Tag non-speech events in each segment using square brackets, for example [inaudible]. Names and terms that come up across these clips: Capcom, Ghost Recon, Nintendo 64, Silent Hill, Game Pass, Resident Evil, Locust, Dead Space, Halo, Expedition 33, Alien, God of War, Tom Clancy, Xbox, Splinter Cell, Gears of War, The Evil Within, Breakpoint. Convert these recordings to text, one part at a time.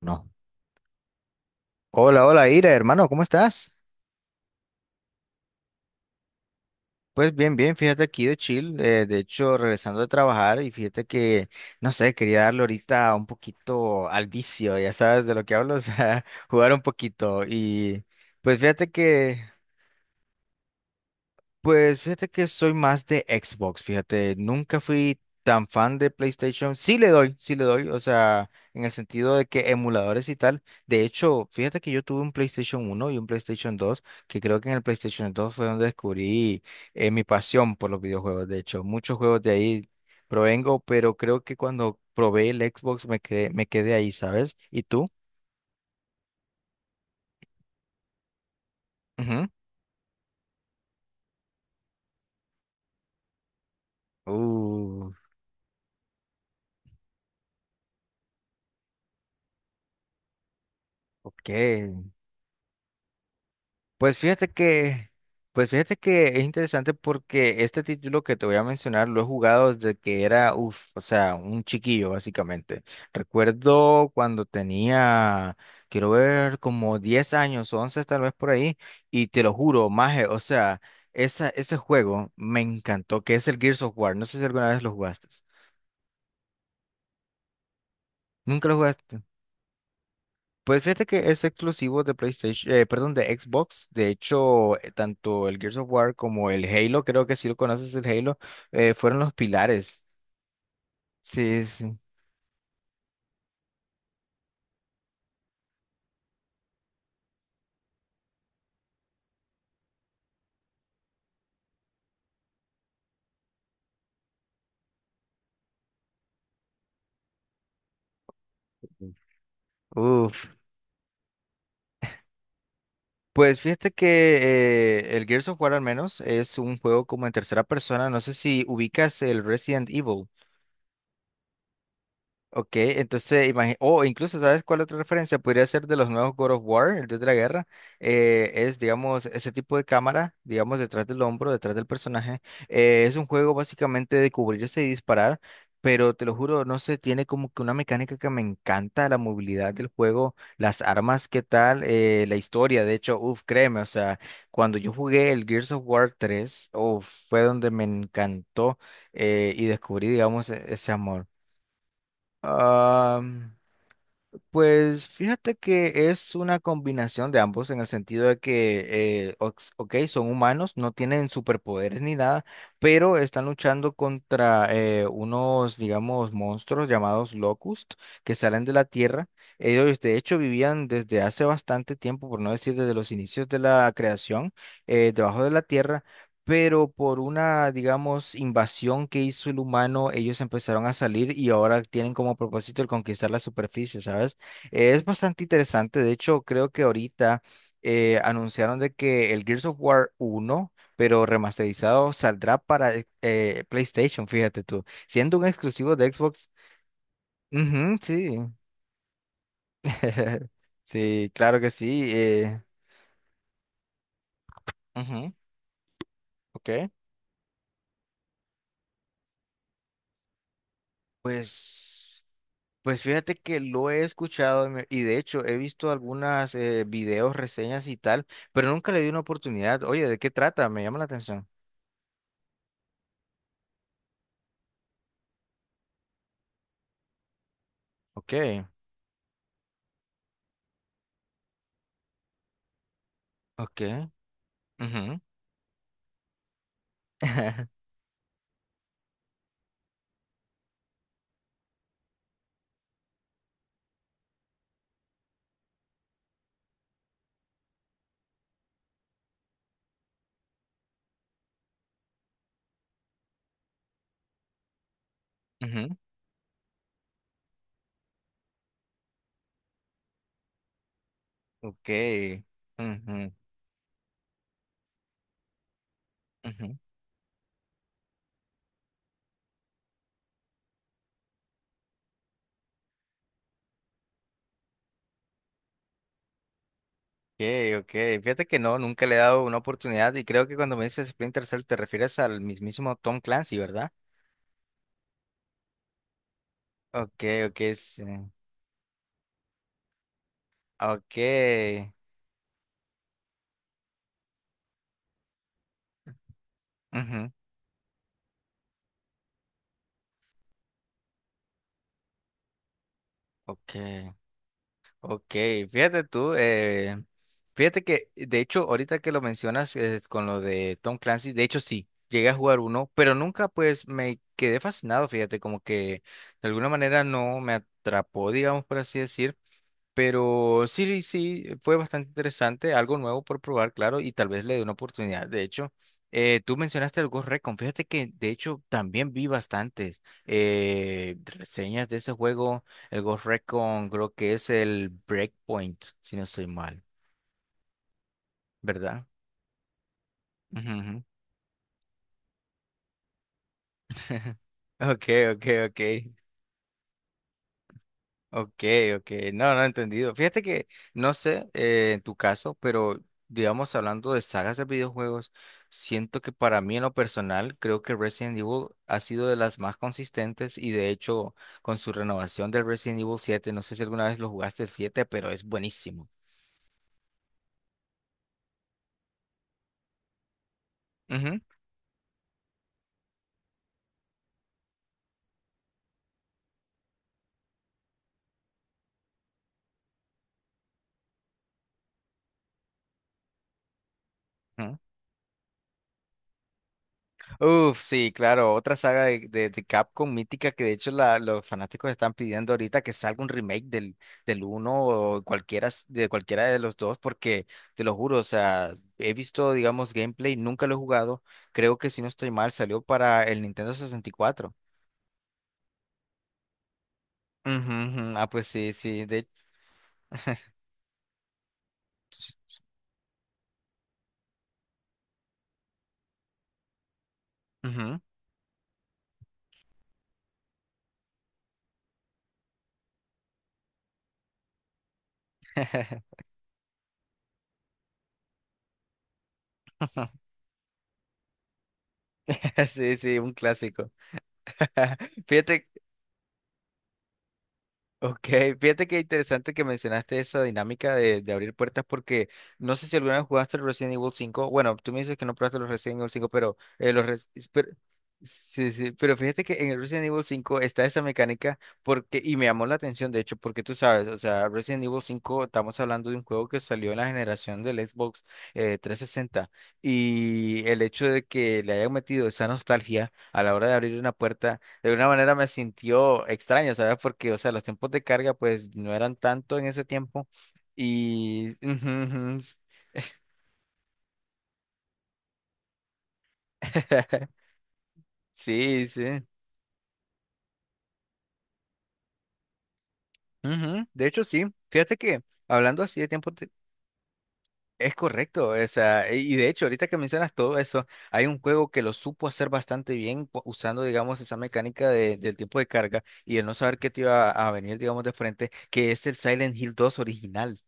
No. Hola, hola, Ira, hermano, ¿cómo estás? Pues bien, bien, fíjate aquí de chill, de hecho regresando de trabajar y fíjate que, no sé, quería darle ahorita un poquito al vicio, ya sabes de lo que hablo, o sea, [laughs] jugar un poquito y pues fíjate que pues fíjate que soy más de Xbox, fíjate, nunca fui tan fan de PlayStation. Sí le doy, o sea, en el sentido de que emuladores y tal. De hecho, fíjate que yo tuve un PlayStation uno y un PlayStation 2, que creo que en el PlayStation 2 fue donde descubrí mi pasión por los videojuegos. De hecho, muchos juegos de ahí provengo, pero creo que cuando probé el Xbox me quedé ahí, ¿sabes? ¿Y tú? Ujú. Uh, ok. Pues fíjate que, pues fíjate que es interesante porque este título que te voy a mencionar lo he jugado desde que era, uff, o sea, un chiquillo básicamente. Recuerdo cuando tenía, quiero ver, como 10 años, 11 tal vez por ahí, y te lo juro, maje, o sea, ese juego me encantó, que es el Gears of War. No sé si alguna vez lo jugaste. ¿Nunca lo jugaste? Pues fíjate que es exclusivo de PlayStation, perdón, de Xbox. De hecho, tanto el Gears of War como el Halo, creo que si lo conoces el Halo, fueron los pilares. Sí, sí. Uf. Pues fíjate que el Gears of War al menos es un juego como en tercera persona. No sé si ubicas el Resident Evil. Ok, entonces imagínate, o incluso, ¿sabes cuál otra referencia? Podría ser de los nuevos God of War, el Dios de la Guerra. Es, digamos, ese tipo de cámara, digamos, detrás del hombro, detrás del personaje. Es un juego básicamente de cubrirse y disparar, pero te lo juro, no sé, tiene como que una mecánica que me encanta, la movilidad del juego, las armas, qué tal, la historia. De hecho, uff, créeme, o sea, cuando yo jugué el Gears of War 3, uff, fue donde me encantó y descubrí, digamos, ese amor. Am, pues fíjate que es una combinación de ambos en el sentido de que, ok, son humanos, no tienen superpoderes ni nada, pero están luchando contra unos, digamos, monstruos llamados Locust que salen de la Tierra. Ellos, de hecho, vivían desde hace bastante tiempo, por no decir desde los inicios de la creación, debajo de la Tierra. Pero por una, digamos, invasión que hizo el humano, ellos empezaron a salir y ahora tienen como propósito el conquistar la superficie, ¿sabes? Es bastante interesante, de hecho creo que ahorita anunciaron de que el Gears of War uno pero remasterizado, saldrá para PlayStation, fíjate tú, siendo un exclusivo de Xbox. Ujú, sí, [laughs] sí, claro que sí. Ujú, ok. Pues, pues fíjate que lo he escuchado y y de hecho he visto algunas videos, reseñas y tal, pero nunca le di una oportunidad. Oye, ¿de qué trata? Me llama la atención. Ok, ok. [laughs] Ujú, ok, ujú, ujú, okay, okay. Fíjate que no, nunca le he dado una oportunidad y creo que cuando me dices Splinter Cell te refieres al mismísimo Tom Clancy, ¿verdad? Okay, okay, sí. Okay. Ujú, okay, okay. Fíjate tú, fíjate que de hecho ahorita que lo mencionas con lo de Tom Clancy, de hecho sí, llegué a jugar uno, pero nunca pues me quedé fascinado, fíjate, como que de alguna manera no me atrapó, digamos por así decir. Pero sí, sí, fue bastante interesante, algo nuevo por probar, claro, y tal vez le dé una oportunidad. De hecho, tú mencionaste el Ghost Recon, fíjate que de hecho también vi bastantes reseñas de ese juego. El Ghost Recon creo que es el Breakpoint, si no estoy mal, ¿verdad? Ujú, ujú. [laughs] Ok, ok, ok. Ok, ok, no, no he entendido. Fíjate que, no sé, en tu caso, pero digamos, hablando de sagas de videojuegos, siento que para mí en lo personal, creo que Resident Evil ha sido de las más consistentes y de hecho, con su renovación del Resident Evil 7, no sé si alguna vez lo jugaste el 7, pero es buenísimo. Ujú, ujú. Uf, sí, claro, otra saga de, de Capcom mítica que de hecho los fanáticos están pidiendo ahorita que salga un remake del, del uno o cualquiera, de cualquiera de los dos, porque te lo juro, o sea, he visto, digamos, gameplay, nunca lo he jugado, creo que si no estoy mal, salió para el Nintendo 64. Ujú, ujú, ah, pues sí, sí, de hecho. Ujú. [laughs] [laughs] Sí, sí, un clásico. [laughs] Fíjate ok, fíjate que interesante que mencionaste esa dinámica de abrir puertas porque no sé si alguna vez jugaste el Resident Evil 5. Bueno, tú me dices que no probaste los Resident Evil 5, pero, pero sí, sí, pero fíjate que en el Resident Evil 5 está esa mecánica porque, y me llamó la atención, de hecho, porque tú sabes, o sea, Resident Evil 5 estamos hablando de un juego que salió en la generación del Xbox 360 y el hecho de que le hayan metido esa nostalgia a la hora de abrir una puerta. De alguna manera me sintió extraño, ¿sabes? Porque, o sea, los tiempos de carga pues no eran tanto en ese tiempo. Y... ujú, ujú. [laughs] Sí, sí. Ujú. De hecho, sí. Fíjate que hablando así de tiempo, te- es correcto. O sea, y de hecho, ahorita que mencionas todo eso, hay un juego que lo supo hacer bastante bien usando, digamos, esa mecánica del tiempo de carga y el no saber qué te iba a venir, digamos, de frente, que es el Silent Hill dos original.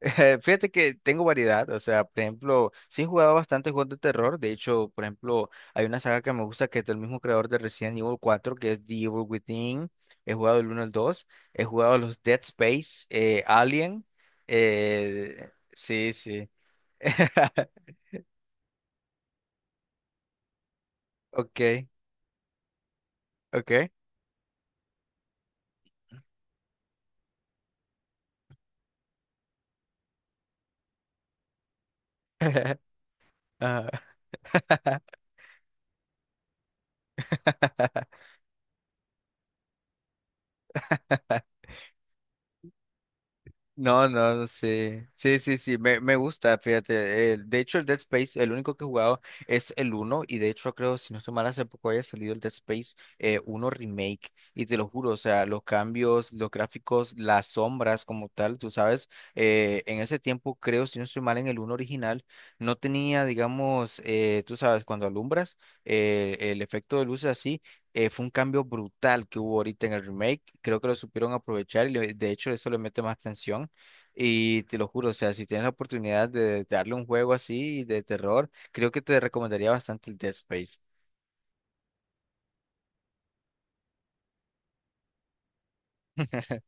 [laughs] Fíjate que tengo variedad, o sea, por ejemplo, sí he jugado bastante juegos de terror, de hecho, por ejemplo, hay una saga que me gusta que es del mismo creador de Resident Evil 4 que es The Evil Within, he jugado el uno al dos, he jugado los Dead Space, Alien, sí, sí, [laughs] ok, ok, [laughs] ajá. [laughs] No, no, sí, sí, sí, sí, me gusta, fíjate. De hecho, el Dead Space, el único que he jugado es el uno. Y de hecho creo, si no estoy mal, hace poco haya salido el Dead Space 1 Remake y te lo juro, o sea, los cambios, los gráficos, las sombras como tal, tú sabes, en ese tiempo creo, si no estoy mal, en el uno original no tenía, digamos, tú sabes, cuando alumbras, el efecto de luces así fue un cambio brutal que hubo ahorita en el remake. Creo que lo supieron aprovechar y de hecho eso le mete más tensión. Y te lo juro, o sea, si tienes la oportunidad de darle un juego así de terror, creo que te recomendaría bastante el Dead Space. [laughs]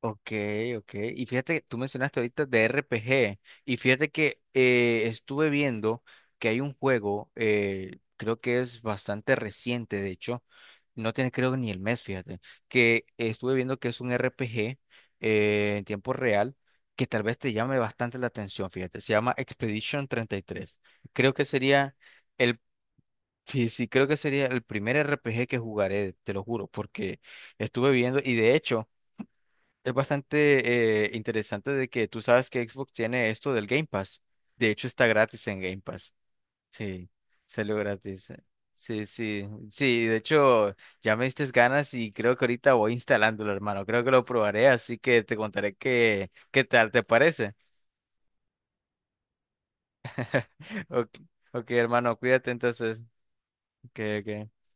Ok, ok. Y fíjate, tú mencionaste ahorita de RPG. Y fíjate que estuve viendo que hay un juego, creo que es bastante reciente, de hecho no tiene creo ni el mes, fíjate. Que estuve viendo que es un RPG en tiempo real que tal vez te llame bastante la atención, fíjate. Se llama Expedition 33. Creo que sería el, sí, sí, creo que sería el primer RPG que jugaré, te lo juro, porque estuve viendo y de hecho es bastante interesante de que tú sabes que Xbox tiene esto del Game Pass. De hecho está gratis en Game Pass. Sí, salió gratis. Sí, sí, sí, de hecho ya me diste ganas y creo que ahorita voy instalándolo, hermano. Creo que lo probaré, así que te contaré qué, qué tal te parece. [laughs] Ok, ok, hermano, cuídate entonces. Que